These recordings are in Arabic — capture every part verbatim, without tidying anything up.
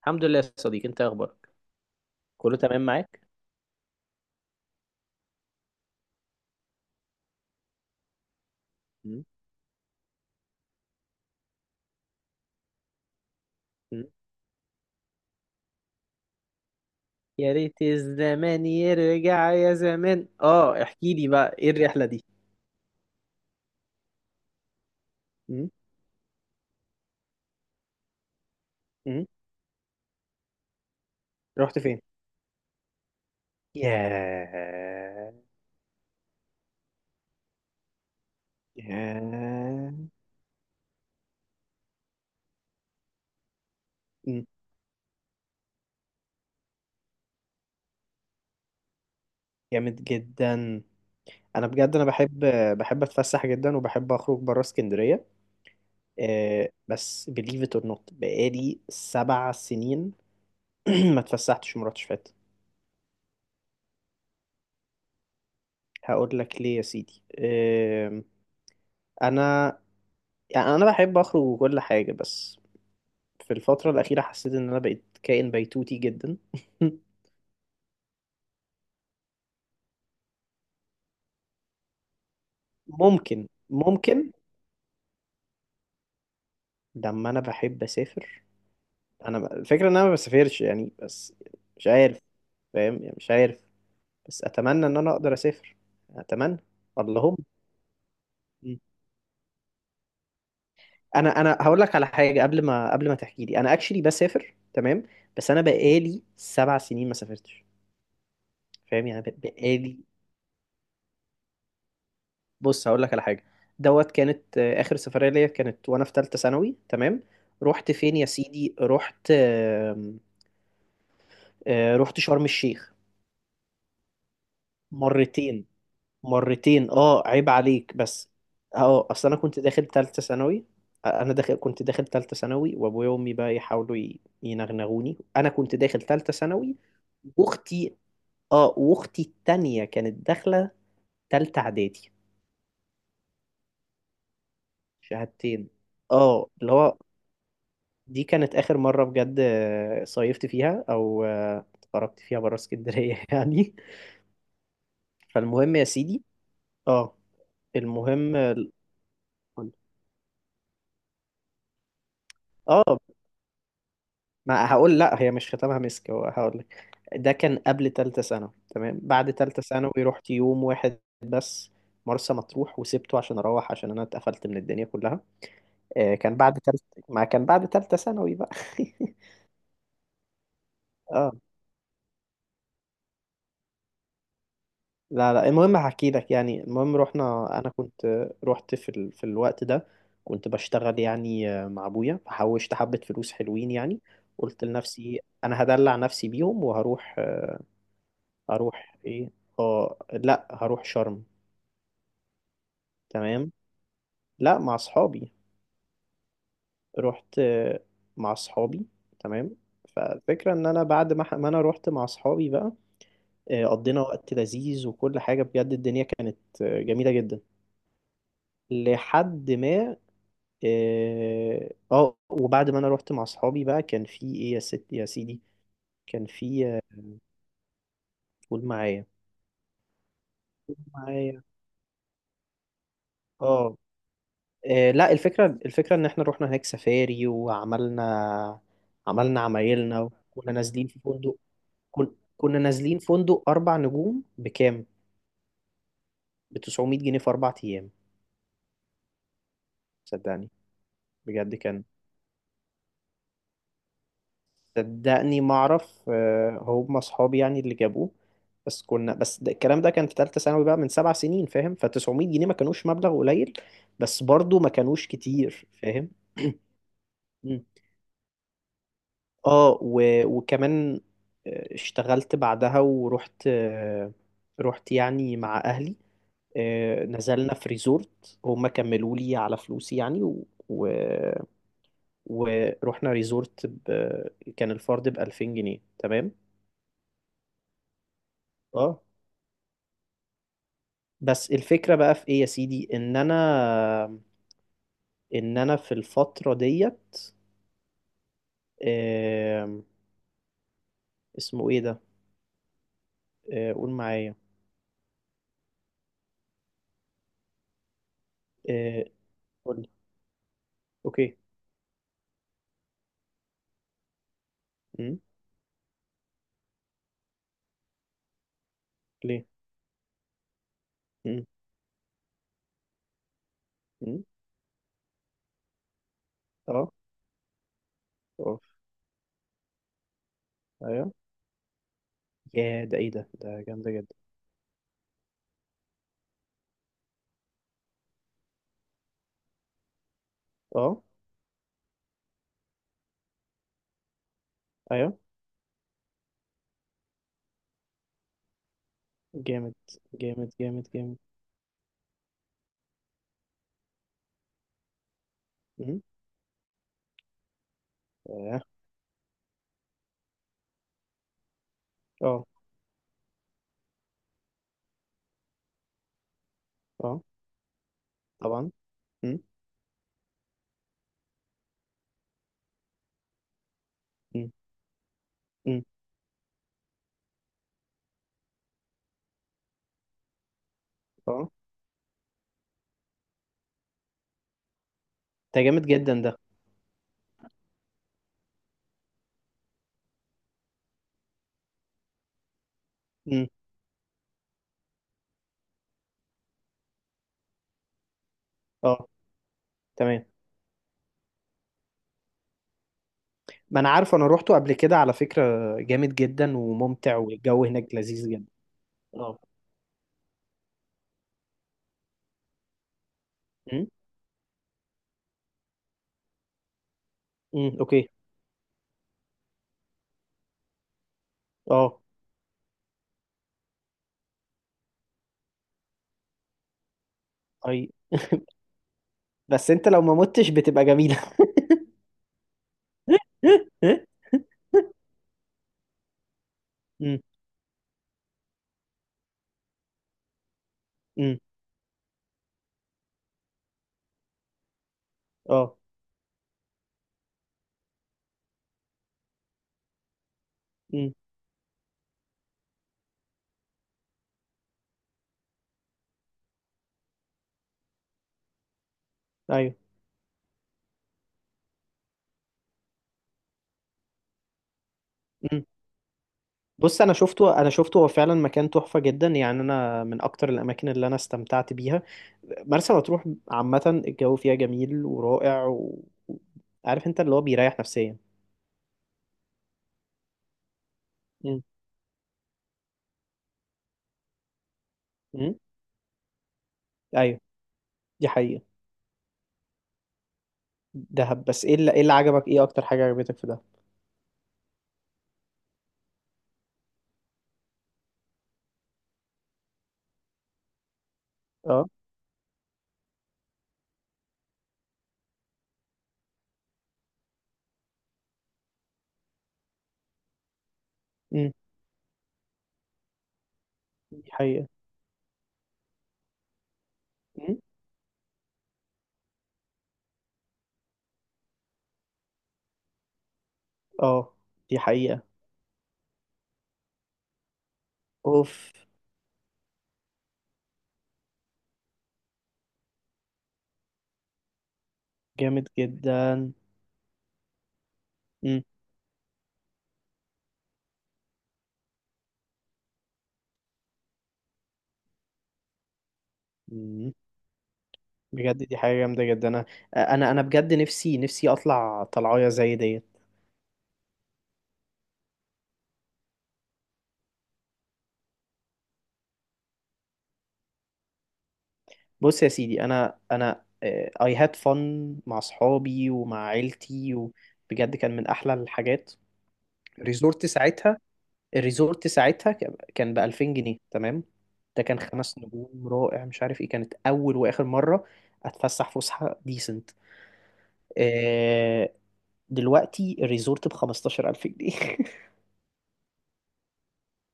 الحمد لله يا صديقي، انت اخبارك؟ كله تمام معاك. مم. مم. يا ريت الزمان يرجع يا زمان، اه احكي لي بقى ايه الرحلة دي؟ مم. مم. رحت فين؟ ياه! ياه! مم. جامد جدا. انا بجد انا بحب بحب اتفسح جدا، وبحب اخرج بره اسكندرية. آه، بس believe it or not بقالي سبع سنين ما اتفسحتش مرة شفات. هقول لك ليه يا سيدي. آم، انا يعني انا بحب اخرج وكل حاجه بس. في الفتره الاخيره حسيت ان انا بقيت كائن بيتوتي جدا. ممكن، ممكن. لما انا بحب اسافر، انا ب- الفكره ان انا ما بسافرش يعني بس. مش عارف. فاهم يعني، مش عارف. بس اتمنى ان انا اقدر اسافر، اتمنى. اللهم. انا انا هقول لك على حاجه قبل ما قبل ما تحكي لي، انا اكشلي بسافر تمام. بس انا بقالي سبع سنين ما سافرتش. فاهم يعني بقالي. بص هقول لك على حاجه. دوت كانت آه، اخر سفريه ليا، كانت وانا في ثالثه ثانوي، تمام. رحت فين يا سيدي؟ رحت آم، آه، رحت شرم الشيخ. مرتين. مرتين، اه عيب عليك بس. اه اصل انا كنت داخل ثالثه ثانوي. آه، انا داخل كنت داخل ثالثه ثانوي، وابويا وامي بقى يحاولوا ي- ينغنغوني، انا كنت داخل ثالثه ثانوي. واختي، اه واختي التانية كانت داخله ثالثه اعدادي. شهادتين. اه اللي هو، دي كانت آخر مرة بجد آه، صيفت فيها أو آه، خرجت فيها برا اسكندرية يعني. فالمهم يا سيدي، اه المهم ال- اه ما هقول، لا هي مش ختامها مسك، هو هقول لك ده كان قبل تالتة ثانوي، تمام. بعد تالتة ثانوي رحت يوم واحد بس مرسى مطروح، وسبته عشان أروح، عشان أنا اتقفلت من الدنيا كلها. آه، كان بعد تالتة، ما كان بعد تالتة ثانوي بقى. اه لا لا، المهم هحكي لك يعني، المهم رحنا. انا كنت رحت في ال... في الوقت ده كنت بشتغل يعني مع ابويا، فحوشت حبة فلوس حلوين يعني. قلت لنفسي انا هدلع نفسي بيهم وهروح. هروح ايه؟ اه لا، هروح شرم. تمام. لا، مع اصحابي. رحت مع اصحابي. تمام. فالفكرة ان انا بعد ما ما انا رحت مع اصحابي بقى، آه، قضينا وقت لذيذ وكل حاجة، بجد الدنيا كانت آه، جميلة جدا. لحد ما، اه آه، وبعد ما انا رحت مع اصحابي بقى، كان في ايه يا ست يا سيدي، كان في آه، قول معايا. معايا. اه آه، لا، الفكره الفكره ان احنا رحنا هناك سفاري، وعملنا عملنا عمايلنا، وكنا نازلين في فندق، كن... كنا نازلين فندق اربع نجوم بكام. ب تسعمية جنيه في اربع ايام. صدقني. بجد كان، صدقني ما اعرف، آه، هم اصحابي يعني اللي جابوه. بس كنا، بس ده الكلام ده كان في ثالثه ثانوي بقى من سبع سنين فاهم. ف تسعمائة جنيه ما كانوش مبلغ قليل، بس برضو ما كانوش كتير فاهم. مم. اه و... وكمان آه، اشتغلت بعدها ورحت، آه، رحت يعني مع اهلي. آه، نزلنا في ريزورت، هم كملوا لي على فلوسي يعني. و... و... ورحنا ريزورت ب... كان الفرد ب ألفين جنيه، تمام. اه بس الفكرة بقى في ايه يا سيدي، ان انا، ان انا في الفترة ديت آم، اسمه ايه ده؟ آه، قول معايا. آه، قول لي. اوكي. امم. ليه؟ امم. امم. اه. اه. ايوه. يا ده، ايه ده ده جامدة جدا. اه. ايوه. جامد جامد جامد جامد. امم. اه. اه. آه، طبعا. امم. امم. امم. اه. ده جامد جدا ده. امم. اه. تمام. ما انا عارفه، انا روحته قبل كده على فكره، جامد جدا وممتع، والجو هناك لذيذ جدا. اه. امم. امم. اوكي. اه. اي، بس انت لو ما متش بتبقى جميله. امم. امم. اه. امم. ايوه. امم. بص، انا شفته انا شفته، هو فعلا مكان تحفه جدا يعني، انا من اكتر الاماكن اللي انا استمتعت بيها مرسى مطروح عامه. الجو فيها جميل ورائع و... و- عارف انت اللي هو بيريح نفسيا. امم. امم. ايوه. دي حقيقه. دهب، بس ايه اللي ايه اللي عجبك، ايه اكتر حاجة عجبتك في دهب؟ اه. امم. دي حقيقة. امم. اه. دي حقيقة. اوف. جامد جدا. امم. امم. بجد دي حاجة جامدة جدا. انا انا انا بجد نفسي نفسي اطلع طلعايه زي ديت. بص يا سيدي، انا انا اي هاد فن مع اصحابي ومع عيلتي، وبجد كان من احلى الحاجات. ريزورت ساعتها، الريزورت ساعتها ك- كان ب ألفين جنيه، تمام. ده كان خمس نجوم رائع، مش عارف ايه، كانت اول واخر مره اتفسح فسحه ديسنت. آه. دلوقتي الريزورت ب خمستاشر ألف جنيه.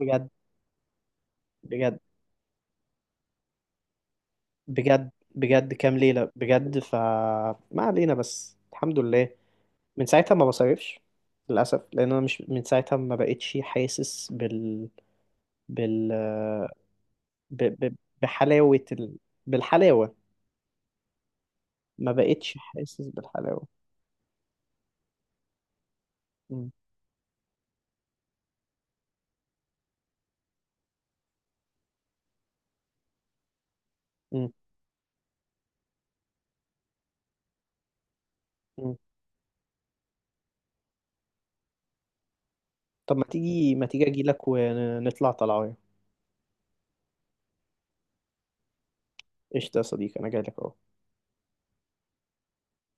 بجد، بجد، بجد، بجد، كام ليله بجد، فما علينا، بس الحمد لله. من ساعتها ما بصيفش، للاسف، لان انا مش من ساعتها ما بقتش حاسس بال بال ب... ب... بحلاوه ال... بالحلاوه. ما بقتش حاسس بالحلاوه. مم. مم. مم. طب، ما تيجي ما تيجي اجي لك ونطلع طلعه. قشطة يا صديقي، انا جاي لك اهو.